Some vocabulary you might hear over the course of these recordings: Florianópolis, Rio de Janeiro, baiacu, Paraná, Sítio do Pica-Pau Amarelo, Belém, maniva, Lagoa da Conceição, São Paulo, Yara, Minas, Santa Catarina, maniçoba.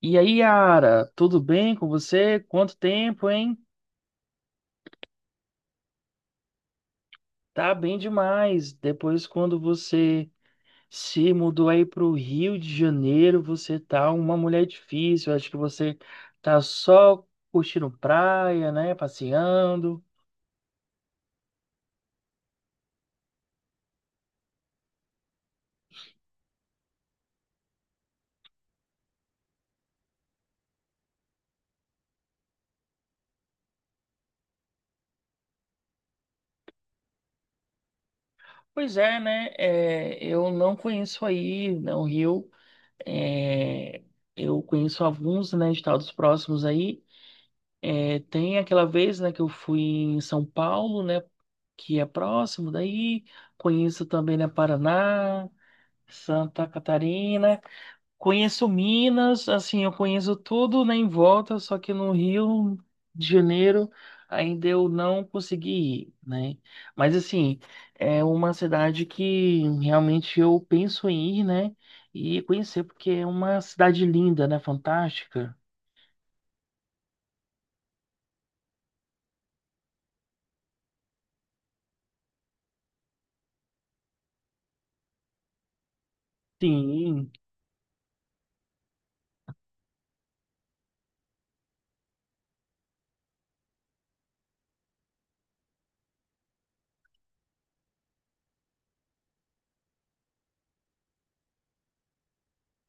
E aí, Yara, tudo bem com você? Quanto tempo, hein? Tá bem demais. Depois, quando você se mudou aí para o Rio de Janeiro, você tá uma mulher difícil. Acho que você tá só curtindo praia, né? Passeando. Pois é, né? Eu não conheço aí, né, o Rio. É, eu conheço alguns, né, estados próximos aí. Tem aquela vez, né, que eu fui em São Paulo, né, que é próximo daí. Conheço também, né, Paraná, Santa Catarina. Conheço Minas, assim, eu conheço tudo, né, em volta, só que no Rio de Janeiro ainda eu não consegui ir, né? Mas, assim, é uma cidade que realmente eu penso em ir, né, e conhecer, porque é uma cidade linda, né, fantástica. Sim,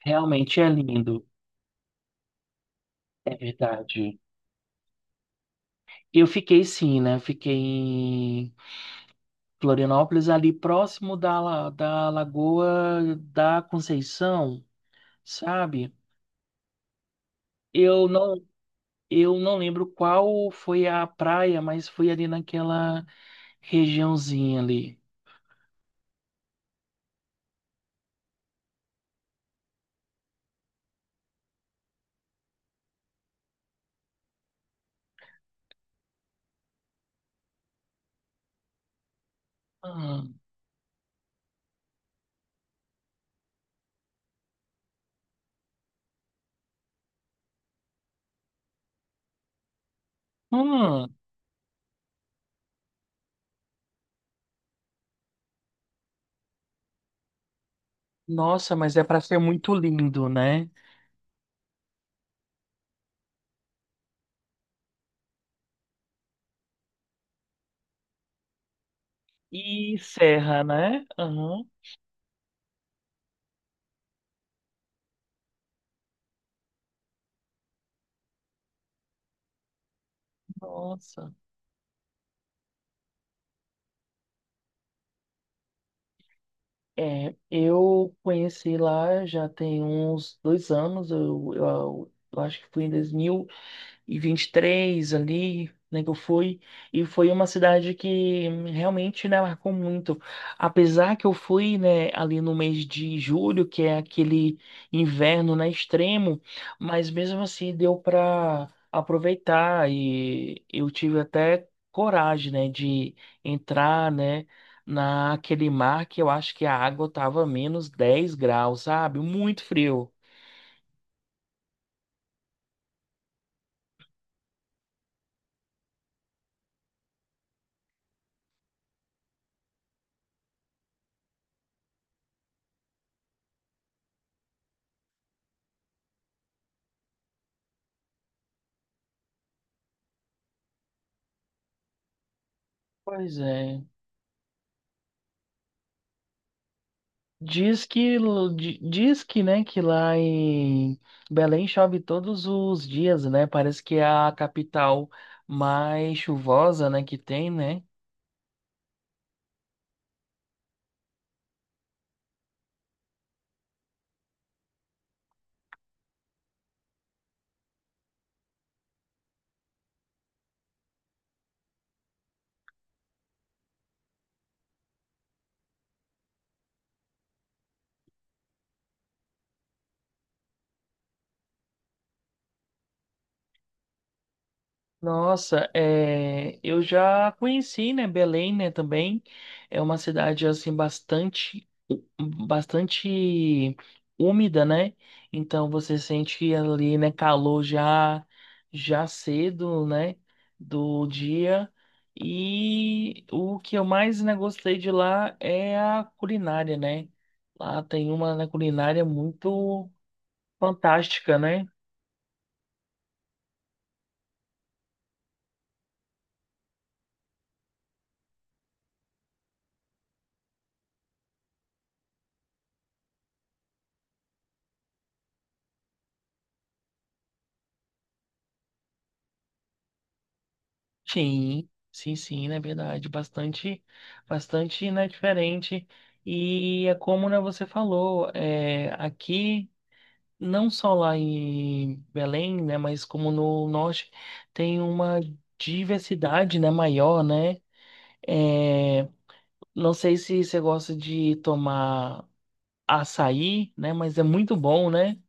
realmente é lindo. É verdade. Eu fiquei sim, né? Eu fiquei em Florianópolis, ali próximo da Lagoa da Conceição, sabe? Eu não, eu não lembro qual foi a praia, mas foi ali naquela regiãozinha ali. Hum, hum. Nossa, mas é para ser muito lindo, né? E serra, né? Aham. Nossa. É, eu conheci lá já tem uns 2 anos, eu acho que foi em e 23 ali, né, que eu fui, e foi uma cidade que realmente, né, marcou muito. Apesar que eu fui, né, ali no mês de julho, que é aquele inverno, né, extremo, mas mesmo assim deu para aproveitar e eu tive até coragem, né, de entrar, né, naquele mar que eu acho que a água tava -10 graus, sabe? Muito frio. Pois é. Diz que, diz que, né, que lá em Belém chove todos os dias, né? Parece que é a capital mais chuvosa, né, que tem, né? Nossa, é, eu já conheci, né, Belém, né, também. É uma cidade, assim, bastante úmida, né? Então você sente ali, né, calor já, já cedo, né, do dia. E o que eu mais, né, gostei de lá é a culinária, né? Lá tem uma, né, culinária muito fantástica, né? Sim, na verdade, bastante, né, diferente. E é como, né, você falou, é, aqui, não só lá em Belém, né, mas como no norte, tem uma diversidade, né, maior, né? É, não sei se você gosta de tomar açaí, né, mas é muito bom, né?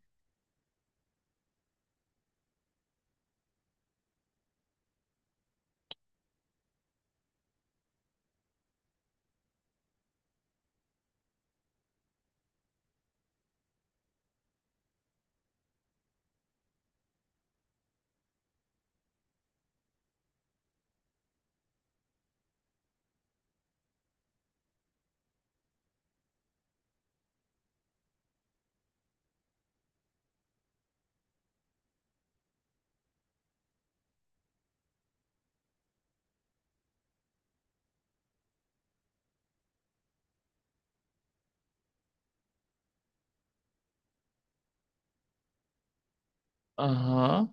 Aham.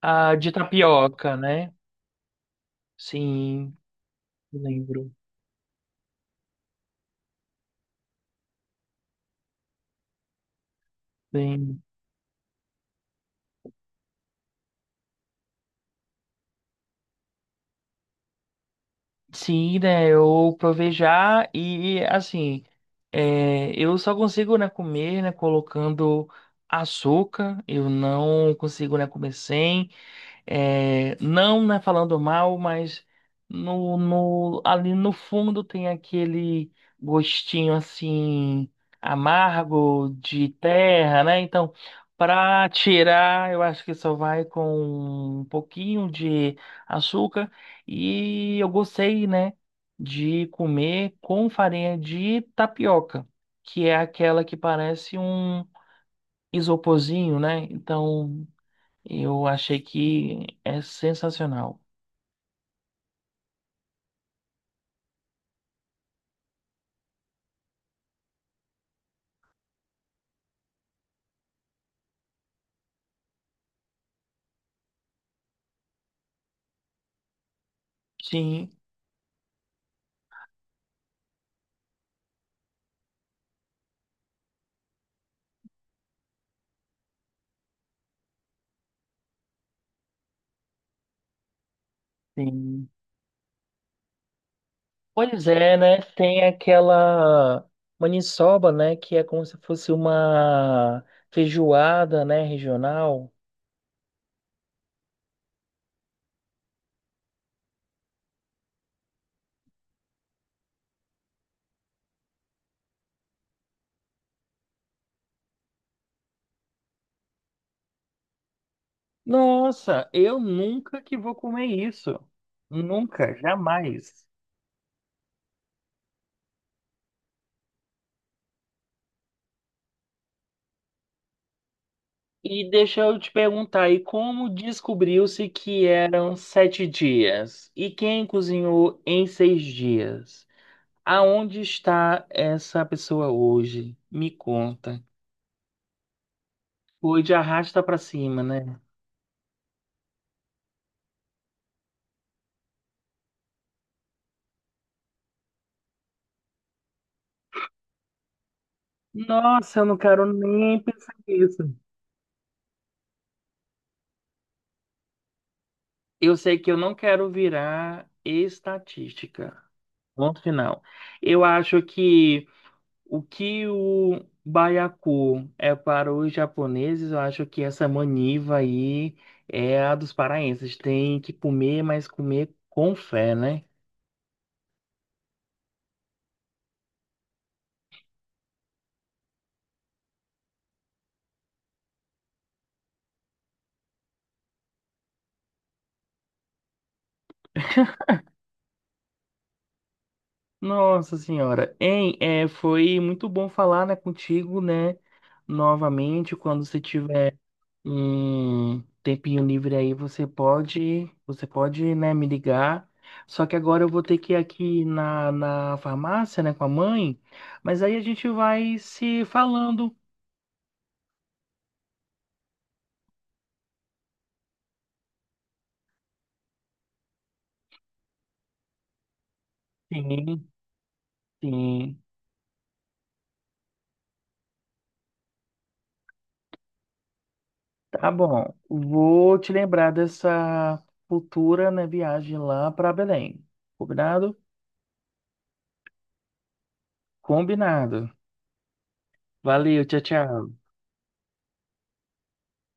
Ah, de tapioca, né? Sim, lembro. Sim. Sim, né? Eu provei já e assim, é, eu só consigo, né, comer, né, colocando açúcar. Eu não consigo, né, comer sem. É, não, né, falando mal, mas no, ali no fundo tem aquele gostinho assim amargo de terra, né? Então, para tirar, eu acho que só vai com um pouquinho de açúcar e eu gostei, né, de comer com farinha de tapioca, que é aquela que parece um isoporzinho, né? Então, eu achei que é sensacional. Sim, sim. Pois é, né? Tem aquela maniçoba, né? Que é como se fosse uma feijoada, né? Regional. Nossa, eu nunca que vou comer isso. Nunca, jamais. E deixa eu te perguntar aí, como descobriu-se que eram 7 dias? E quem cozinhou em 6 dias? Aonde está essa pessoa hoje? Me conta. Foi de arrasta pra cima, né? Nossa, eu não quero nem pensar nisso. Eu sei que eu não quero virar estatística. Ponto final. Eu acho que o baiacu é para os japoneses, eu acho que essa maniva aí é a dos paraenses. Tem que comer, mas comer com fé, né? Nossa senhora, hein? É, foi muito bom falar, né, contigo, né? Novamente, quando você tiver um tempinho livre aí, você pode, né, me ligar. Só que agora eu vou ter que ir aqui na farmácia, né, com a mãe. Mas aí a gente vai se falando. Sim, sim. Tá bom. Vou te lembrar dessa futura, né, viagem lá para Belém. Combinado? Combinado. Valeu, tchau, tchau.